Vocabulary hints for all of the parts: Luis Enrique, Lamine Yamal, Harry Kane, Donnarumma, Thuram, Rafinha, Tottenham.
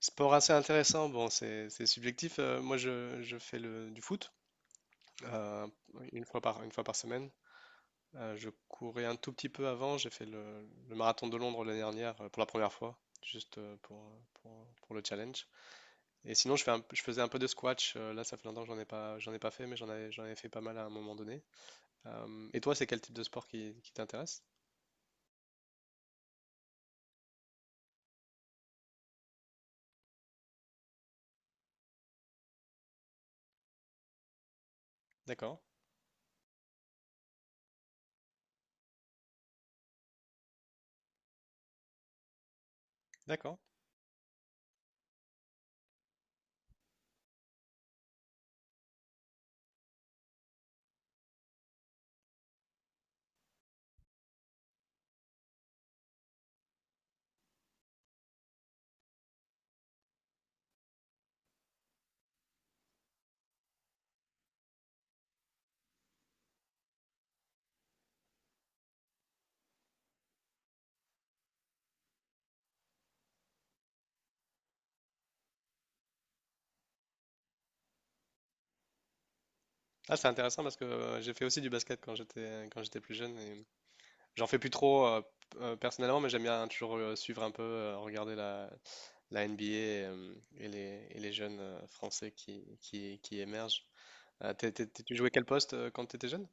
Sport assez intéressant, bon, c'est subjectif. Moi, je fais du foot euh, une fois une fois par semaine. Je courais un tout petit peu avant. J'ai fait le marathon de Londres l'année dernière pour la première fois, juste pour le challenge. Et sinon, je faisais un peu de squash. Là, ça fait longtemps que j'en ai pas fait, mais j'en avais fait pas mal à un moment donné. Et toi, c'est quel type de sport qui t'intéresse? D'accord, d'accord. Ah, c'est intéressant parce que j'ai fait aussi du basket quand j'étais plus jeune. J'en fais plus trop personnellement, mais j'aime bien toujours suivre un peu, regarder la NBA et les jeunes Français qui émergent. Tu jouais quel poste quand tu étais jeune?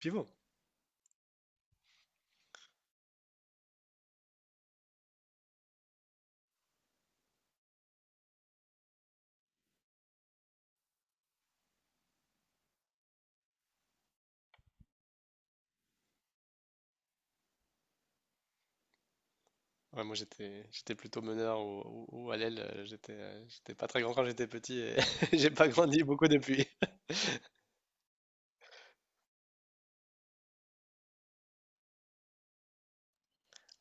Pivot. Ouais, moi j'étais plutôt meneur ou à l'aile. J'étais pas très grand quand j'étais petit et j'ai pas grandi beaucoup depuis.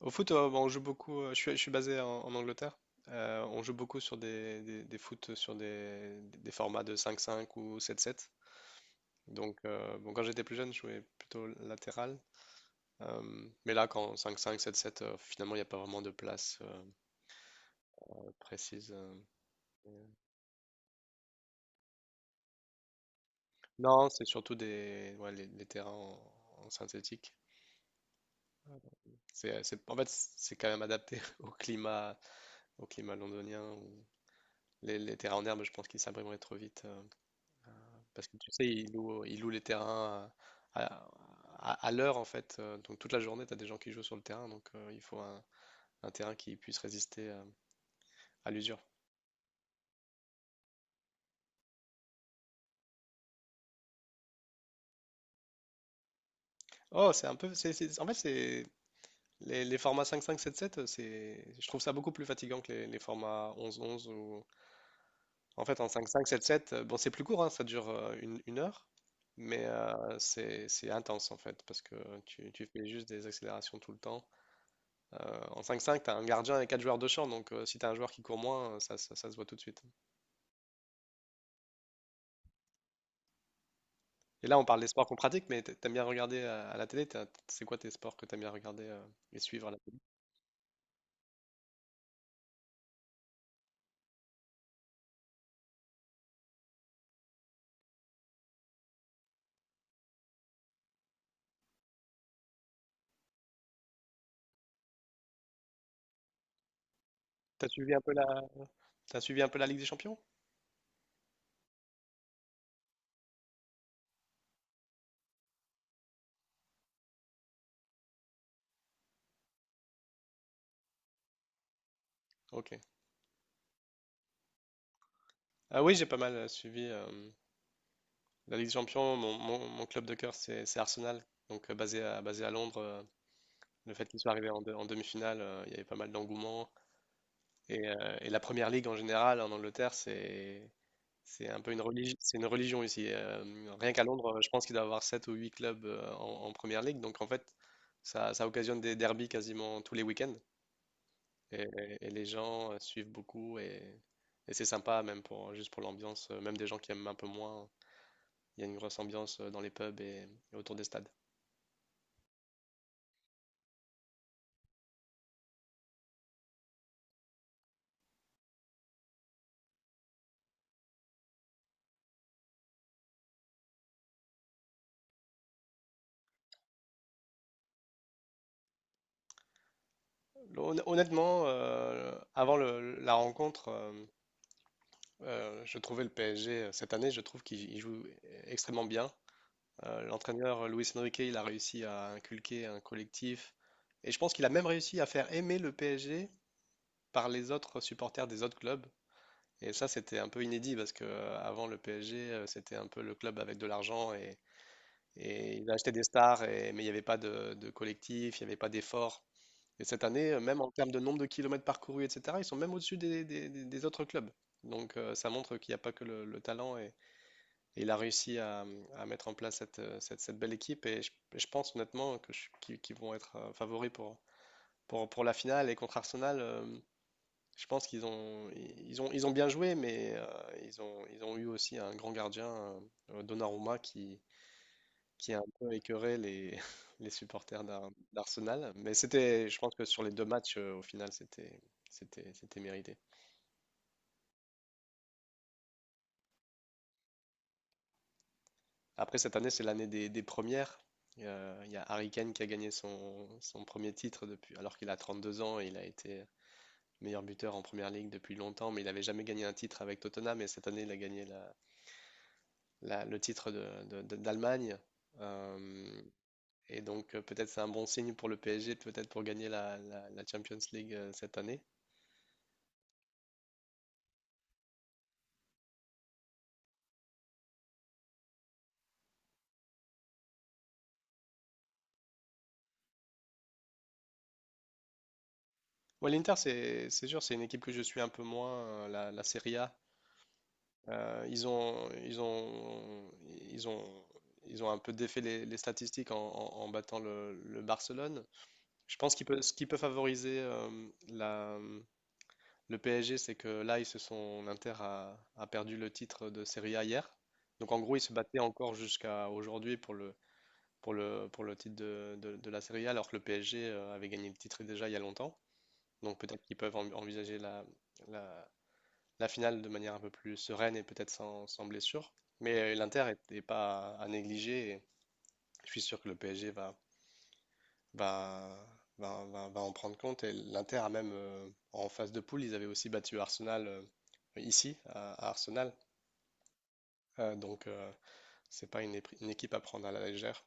Au foot, bon, on joue beaucoup. Je suis basé en Angleterre. On joue beaucoup sur des foot sur des formats de 5-5 ou 7-7. Donc, bon, quand j'étais plus jeune, je jouais plutôt latéral. Mais là, quand cinq cinq sept sept finalement, il n'y a pas vraiment de place précise. euh. Non, c'est surtout ouais, les terrains en synthétique. En fait, c'est quand même adapté au climat, londonien, où les terrains en herbe, je pense qu'ils s'abîmeraient trop vite. Euh, Parce que tu sais, ils louent les terrains à, à- à l'heure, en fait. Donc toute la journée, tu as des gens qui jouent sur le terrain. Donc il faut un terrain qui puisse résister à l'usure. Oh, c'est un peu. C'est- en fait, c'est les formats cinq cinq sept sept. Je trouve ça beaucoup plus fatigant que les formats onze onze. En fait, en cinq cinq sept sept. Bon, c'est plus court, hein, ça dure une heure, mais c'est intense en fait, parce que tu fais juste des accélérations tout le temps. En cinq cinq, tu as un gardien et quatre joueurs de champ, donc si tu as un joueur qui court moins, ça se voit tout de suite. Et là, on parle des sports qu'on pratique, mais t'aimes bien regarder à la télé, c'est quoi tes sports que t'aimes bien regarder et suivre à la télé? T'as suivi un peu la, t'as suivi un peu la Ligue des Champions? Ok. Ah oui, j'ai pas mal suivi la Ligue des Champions. Mon club de cœur, c'est Arsenal. Donc, basé à Londres, le fait qu'ils soient arrivés en demi-finale, il y avait pas mal d'engouement. Et la Première Ligue, en général, en Angleterre, c'est un peu une religion, c'est une religion ici. Rien qu'à Londres, je pense qu'il doit y avoir 7 ou 8 clubs en Première Ligue. Donc, en fait, ça occasionne des derbies quasiment tous les week-ends. Et, et les gens suivent beaucoup. Et c'est sympa, même juste pour l'ambiance, même des gens qui aiment un peu moins. Il y a une grosse ambiance dans les pubs et autour des stades. Honnêtement, avant la rencontre, je trouvais le PSG cette année, je trouve qu'il joue extrêmement bien. L'entraîneur Luis Enrique, il a réussi à inculquer un collectif et je pense qu'il a même réussi à faire aimer le PSG par les autres supporters des autres clubs. Et ça, c'était un peu inédit parce que avant le PSG, c'était un peu le club avec de l'argent et ils achetaient des stars, mais il n'y avait pas de collectif, il n'y avait pas d'effort. Et cette année, même en termes de nombre de kilomètres parcourus, etc., ils sont même au-dessus des autres clubs. Donc ça montre qu'il n'y a pas que le talent et il a réussi à mettre en place cette belle équipe et et je pense honnêtement que je- qu'ils qu'ils vont être favoris pour la finale et contre Arsenal, je pense qu'ils ont bien joué mais ils ont eu aussi un grand gardien, Donnarumma, qui a un peu écœuré les, les supporters d'Arsenal. Mais je pense que sur les deux matchs, au final, c'était mérité. Après, cette année, c'est l'année des premières. Il y a Harry Kane qui a gagné son premier titre depuis, alors qu'il a 32 ans et il a été meilleur buteur en première ligue depuis longtemps, mais il n'avait jamais gagné un titre avec Tottenham. Et cette année, il a gagné le titre d'Allemagne. Euh, et donc, peut-être c'est un bon signe pour le PSG, peut-être pour gagner la Champions League cette année. Ouais, l'Inter, c'est sûr, c'est une équipe que je suis un peu moins, la Serie A. Ils ont, ils ont, ils ont, ils ont un peu défait les statistiques en battant le Barcelone. Je pense ce qui peut favoriser la, le PSG, c'est que là, l'Inter a perdu le titre de Serie A hier. Donc en gros, ils se battaient encore jusqu'à aujourd'hui pour le titre de la Serie A, alors que le PSG avait gagné le titre déjà il y a longtemps. Donc peut-être qu'ils peuvent envisager la la, la finale de manière un peu plus sereine et peut-être sans blessure. Mais l'Inter n'est pas à négliger et je suis sûr que le PSG va, va en prendre compte. Et l'Inter a même, en phase de poule, ils avaient aussi battu Arsenal ici, à Arsenal. Donc, c'est pas une équipe à prendre à la légère.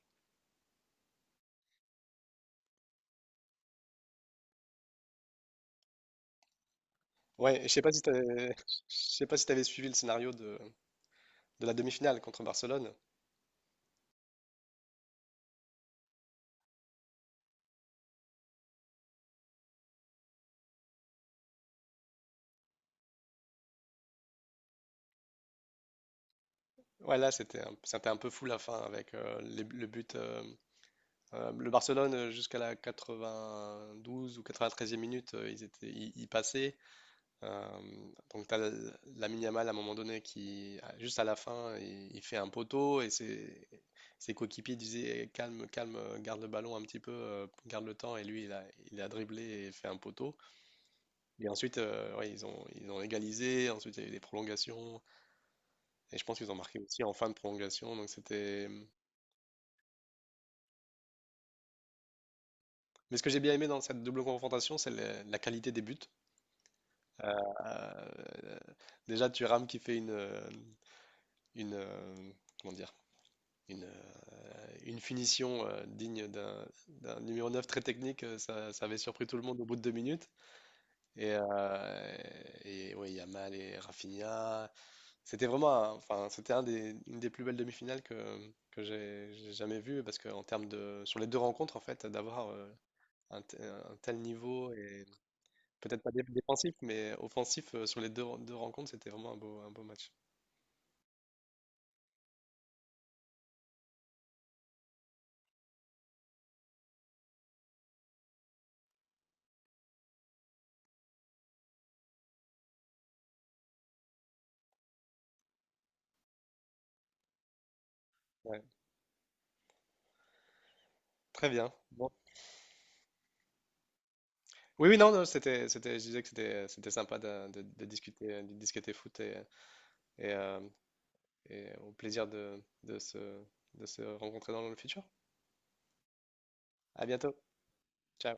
Ouais, et je sais pas si tu je sais pas si t'avais suivi le scénario de la demi-finale contre Barcelone. Ouais, là, c'était un peu fou la fin avec le but. Le Barcelone, jusqu'à la 92 ou 93e minute, ils passaient. Euh, donc, tu as Lamine Yamal à un moment donné qui, juste à la fin, il fait un poteau et ses coéquipiers disaient eh, calme, calme, garde le ballon un petit peu, garde le temps. Et lui, il a dribblé et fait un poteau. Et ensuite, ouais, ils ont égalisé. Ensuite, il y a eu des prolongations. Et je pense qu'ils ont marqué aussi en fin de prolongation. Donc, c'était. Mais ce que j'ai bien aimé dans cette double confrontation, c'est la qualité des buts. Euh, euh, Déjà, Thuram qui fait une, euh, comment dire, une, euh, une finition digne d'un numéro 9 très technique, ça avait surpris tout le monde au bout de 2 minutes. Et, euh, et ouais, Yamal et Rafinha, c'était vraiment enfin, c'était une des plus belles demi-finales que j'ai jamais vues, parce que en termes sur les deux rencontres, en fait, d'avoir un tel niveau, et peut-être pas défensif, mais offensif sur les deux rencontres, c'était vraiment un beau match. Ouais, très bien. Bon. Oui, oui, non, non, je disais que c'était sympa de discuter foot et, euh, et au plaisir de se rencontrer dans le futur. À bientôt. Ciao.